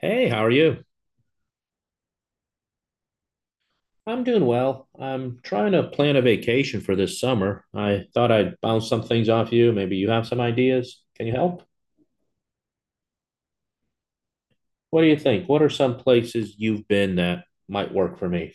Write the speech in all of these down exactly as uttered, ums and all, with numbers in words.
Hey, how are you? I'm doing well. I'm trying to plan a vacation for this summer. I thought I'd bounce some things off you. Maybe you have some ideas. Can you help? What do you think? What are some places you've been that might work for me?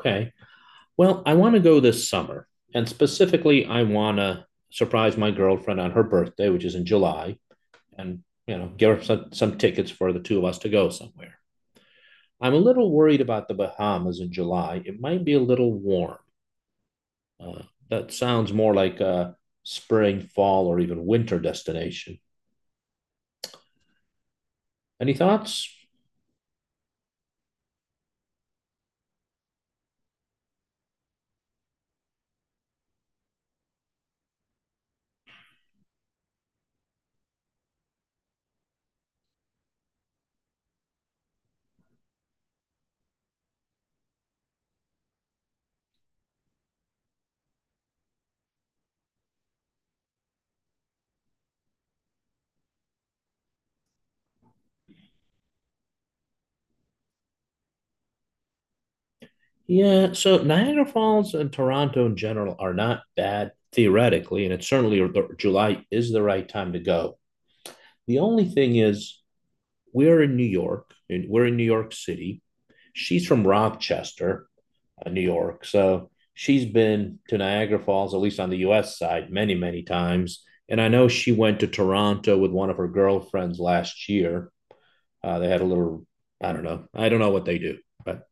Okay. Well, I want to go this summer. And specifically, I want to surprise my girlfriend on her birthday, which is in July, and, you know, give her some, some tickets for the two of us to go somewhere. I'm a little worried about the Bahamas in July. It might be a little warm. Uh, that sounds more like a spring, fall, or even winter destination. Any thoughts? Yeah, so Niagara Falls and Toronto in general are not bad theoretically, and it's certainly the, July is the right time to go. The only thing is, we're in New York, and we're in New York City. She's from Rochester, uh, New York, so she's been to Niagara Falls, at least on the U S side, many, many times. And I know she went to Toronto with one of her girlfriends last year. Uh, they had a little, I don't know, I don't know what they do, but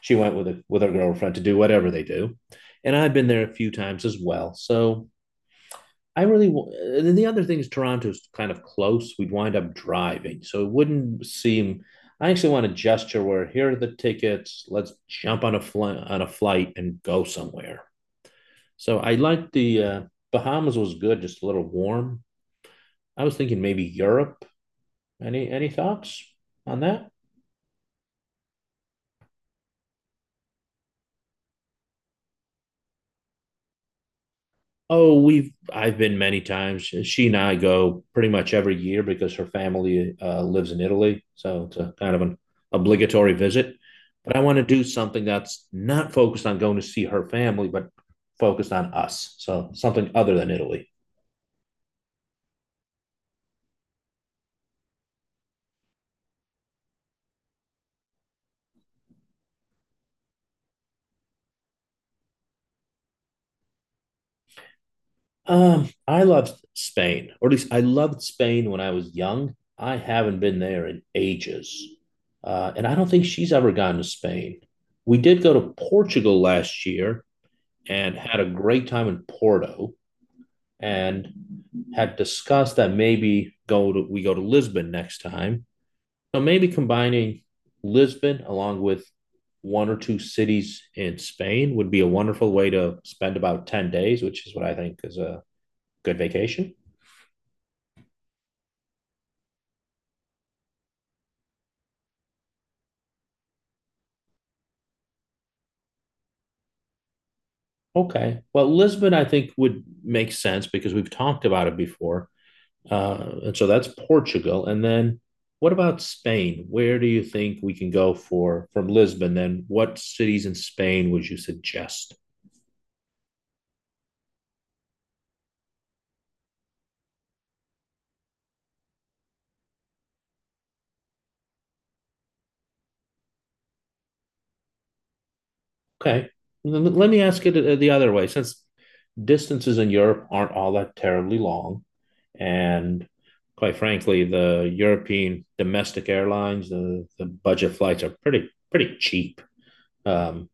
she went with a, with her girlfriend to do whatever they do, and I've been there a few times as well. So I really, and then the other thing is Toronto's kind of close. We'd wind up driving, so it wouldn't seem. I actually want to gesture where here are the tickets. Let's jump on a fly, on a flight and go somewhere. So I like the uh, Bahamas was good, just a little warm. I was thinking maybe Europe. Any any thoughts on that? Oh, we've I've been many times. She and I go pretty much every year because her family uh, lives in Italy, so it's a kind of an obligatory visit. But I want to do something that's not focused on going to see her family, but focused on us. So something other than Italy. Um, I loved Spain, or at least I loved Spain when I was young. I haven't been there in ages, uh, and I don't think she's ever gone to Spain. We did go to Portugal last year and had a great time in Porto and had discussed that maybe go to we go to Lisbon next time. So maybe combining Lisbon along with one or two cities in Spain would be a wonderful way to spend about ten days, which is what I think is a good vacation. Okay. Well, Lisbon I think would make sense because we've talked about it before. Uh, and so that's Portugal. And then what about Spain? Where do you think we can go for from Lisbon? Then what cities in Spain would you suggest? Okay. L- Let me ask it uh, the other way. Since distances in Europe aren't all that terribly long, and quite frankly, the European domestic airlines, the, the budget flights are pretty pretty cheap. Um,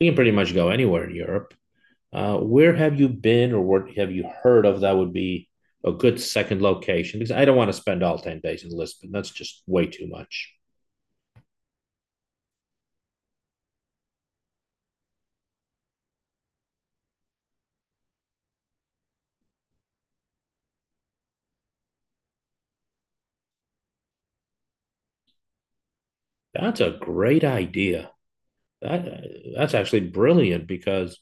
you can pretty much go anywhere in Europe. Uh, where have you been or what have you heard of that would be a good second location? Because I don't want to spend all ten days in Lisbon. That's just way too much. That's a great idea. That, that's actually brilliant because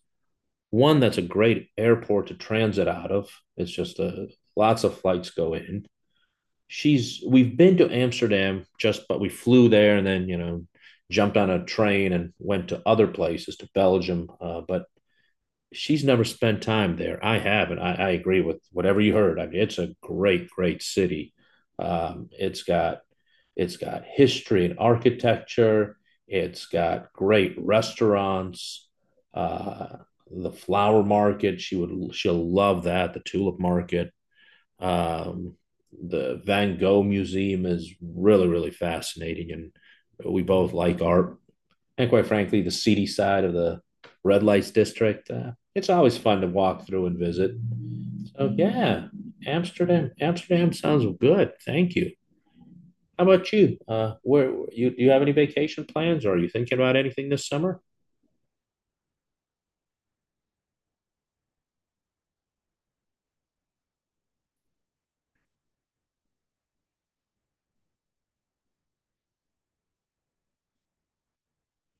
one, that's a great airport to transit out of. It's just a, lots of flights go in. She's we've been to Amsterdam just but we flew there and then you know jumped on a train and went to other places to Belgium. Uh, but she's never spent time there. I haven't. I, I agree with whatever you heard. I mean, it's a great, great city. Um, it's got it's got history and architecture. It's got great restaurants. Uh, the flower market. She would she'll love that. The tulip market. Um, the Van Gogh Museum is really really fascinating, and we both like art and quite frankly, the seedy side of the red lights district. Uh, it's always fun to walk through and visit. So yeah, Amsterdam. Amsterdam sounds good. Thank you. How about you? Uh, where you do you have any vacation plans, or are you thinking about anything this summer?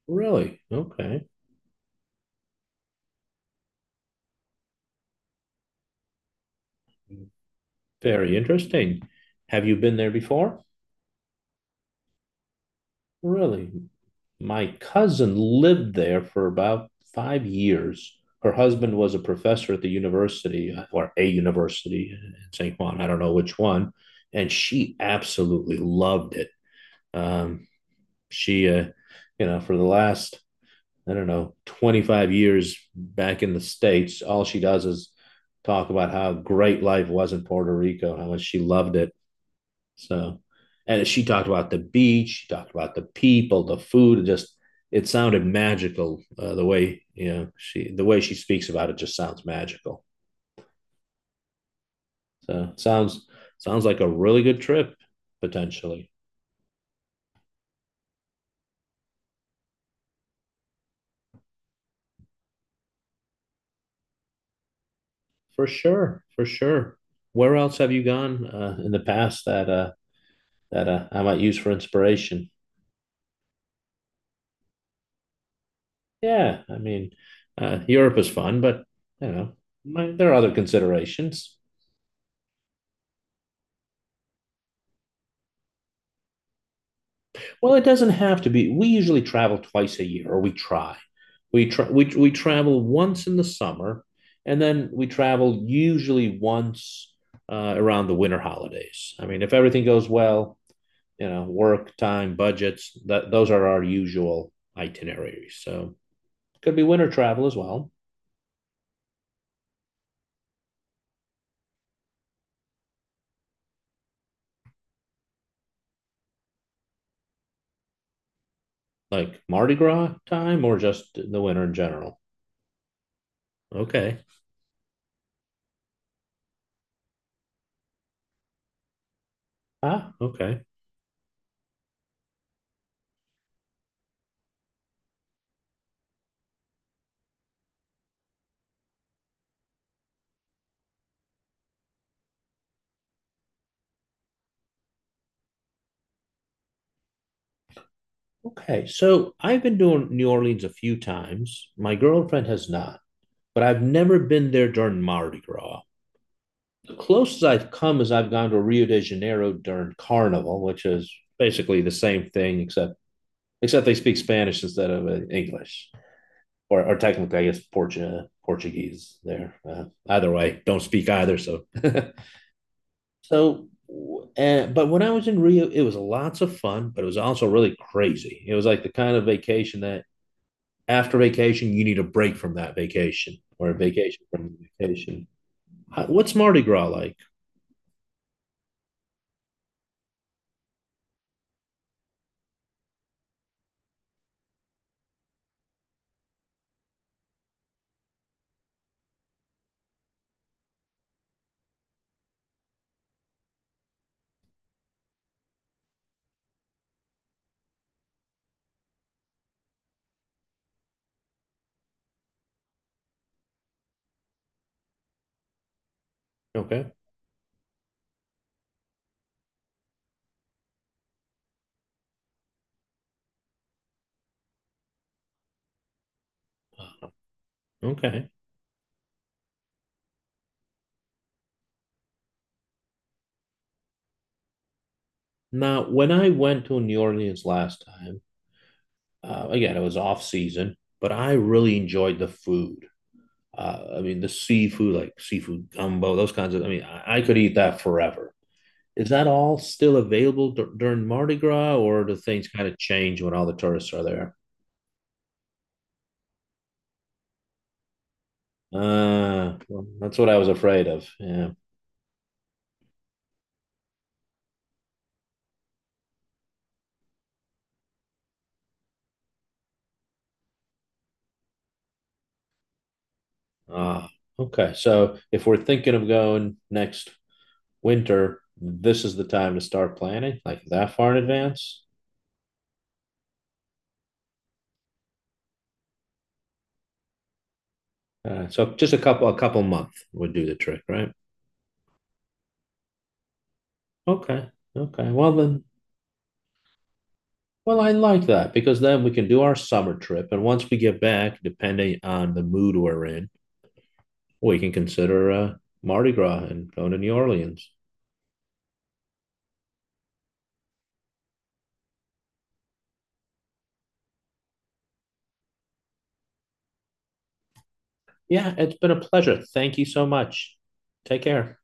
Really? Okay. Very interesting. Have you been there before? Really? My cousin lived there for about five years. Her husband was a professor at the university or a university in Saint Juan. I don't know which one. And she absolutely loved it. Um, she, uh, you know, for the last, I don't know, twenty-five years back in the States, all she does is talk about how great life was in Puerto Rico, how much she loved it. So, and she talked about the beach, she talked about the people, the food. It just it sounded magical, uh, the way you know she the way she speaks about it just sounds magical. So it sounds sounds like a really good trip potentially. For sure, for sure. Where else have you gone uh, in the past that uh, that uh, I might use for inspiration? Yeah, I mean, uh, Europe is fun, but you know, my, there are other considerations. Well, it doesn't have to be. We usually travel twice a year, or we try. We try. We we travel once in the summer, and then we travel usually once uh, around the winter holidays. I mean, if everything goes well, you know, work time, budgets, that those are our usual itineraries. So it could be winter travel as well, like Mardi Gras time, or just the winter in general. Okay. Ah, okay. Okay, so I've been doing New Orleans a few times. My girlfriend has not, but I've never been there during Mardi Gras. The closest I've come is I've gone to Rio de Janeiro during Carnival, which is basically the same thing, except except they speak Spanish instead of uh, English, or, or technically, I guess Portu- Portuguese. There, uh, either way, don't speak either. So, so, uh, but when I was in Rio, it was lots of fun, but it was also really crazy. It was like the kind of vacation that after vacation, you need a break from that vacation or a vacation from vacation. How- What's Mardi Gras like? Okay, okay. Now, when I went to New Orleans last time, uh, again, it was off season, but I really enjoyed the food. Uh, I mean, the seafood, like seafood gumbo, those kinds of, I mean, I, I could eat that forever. Is that all still available dur during Mardi Gras, or do things kind of change when all the tourists are there? Uh, well, that's what I was afraid of. Yeah. Ah, okay. So if we're thinking of going next winter, this is the time to start planning, like that far in advance. Uh, so just a couple, a couple month would do the trick, right? Okay. Okay. Well then, well, I like that because then we can do our summer trip, and once we get back, depending on the mood we're in, we can consider uh, Mardi Gras and going to New Orleans. Yeah, it's been a pleasure. Thank you so much. Take care.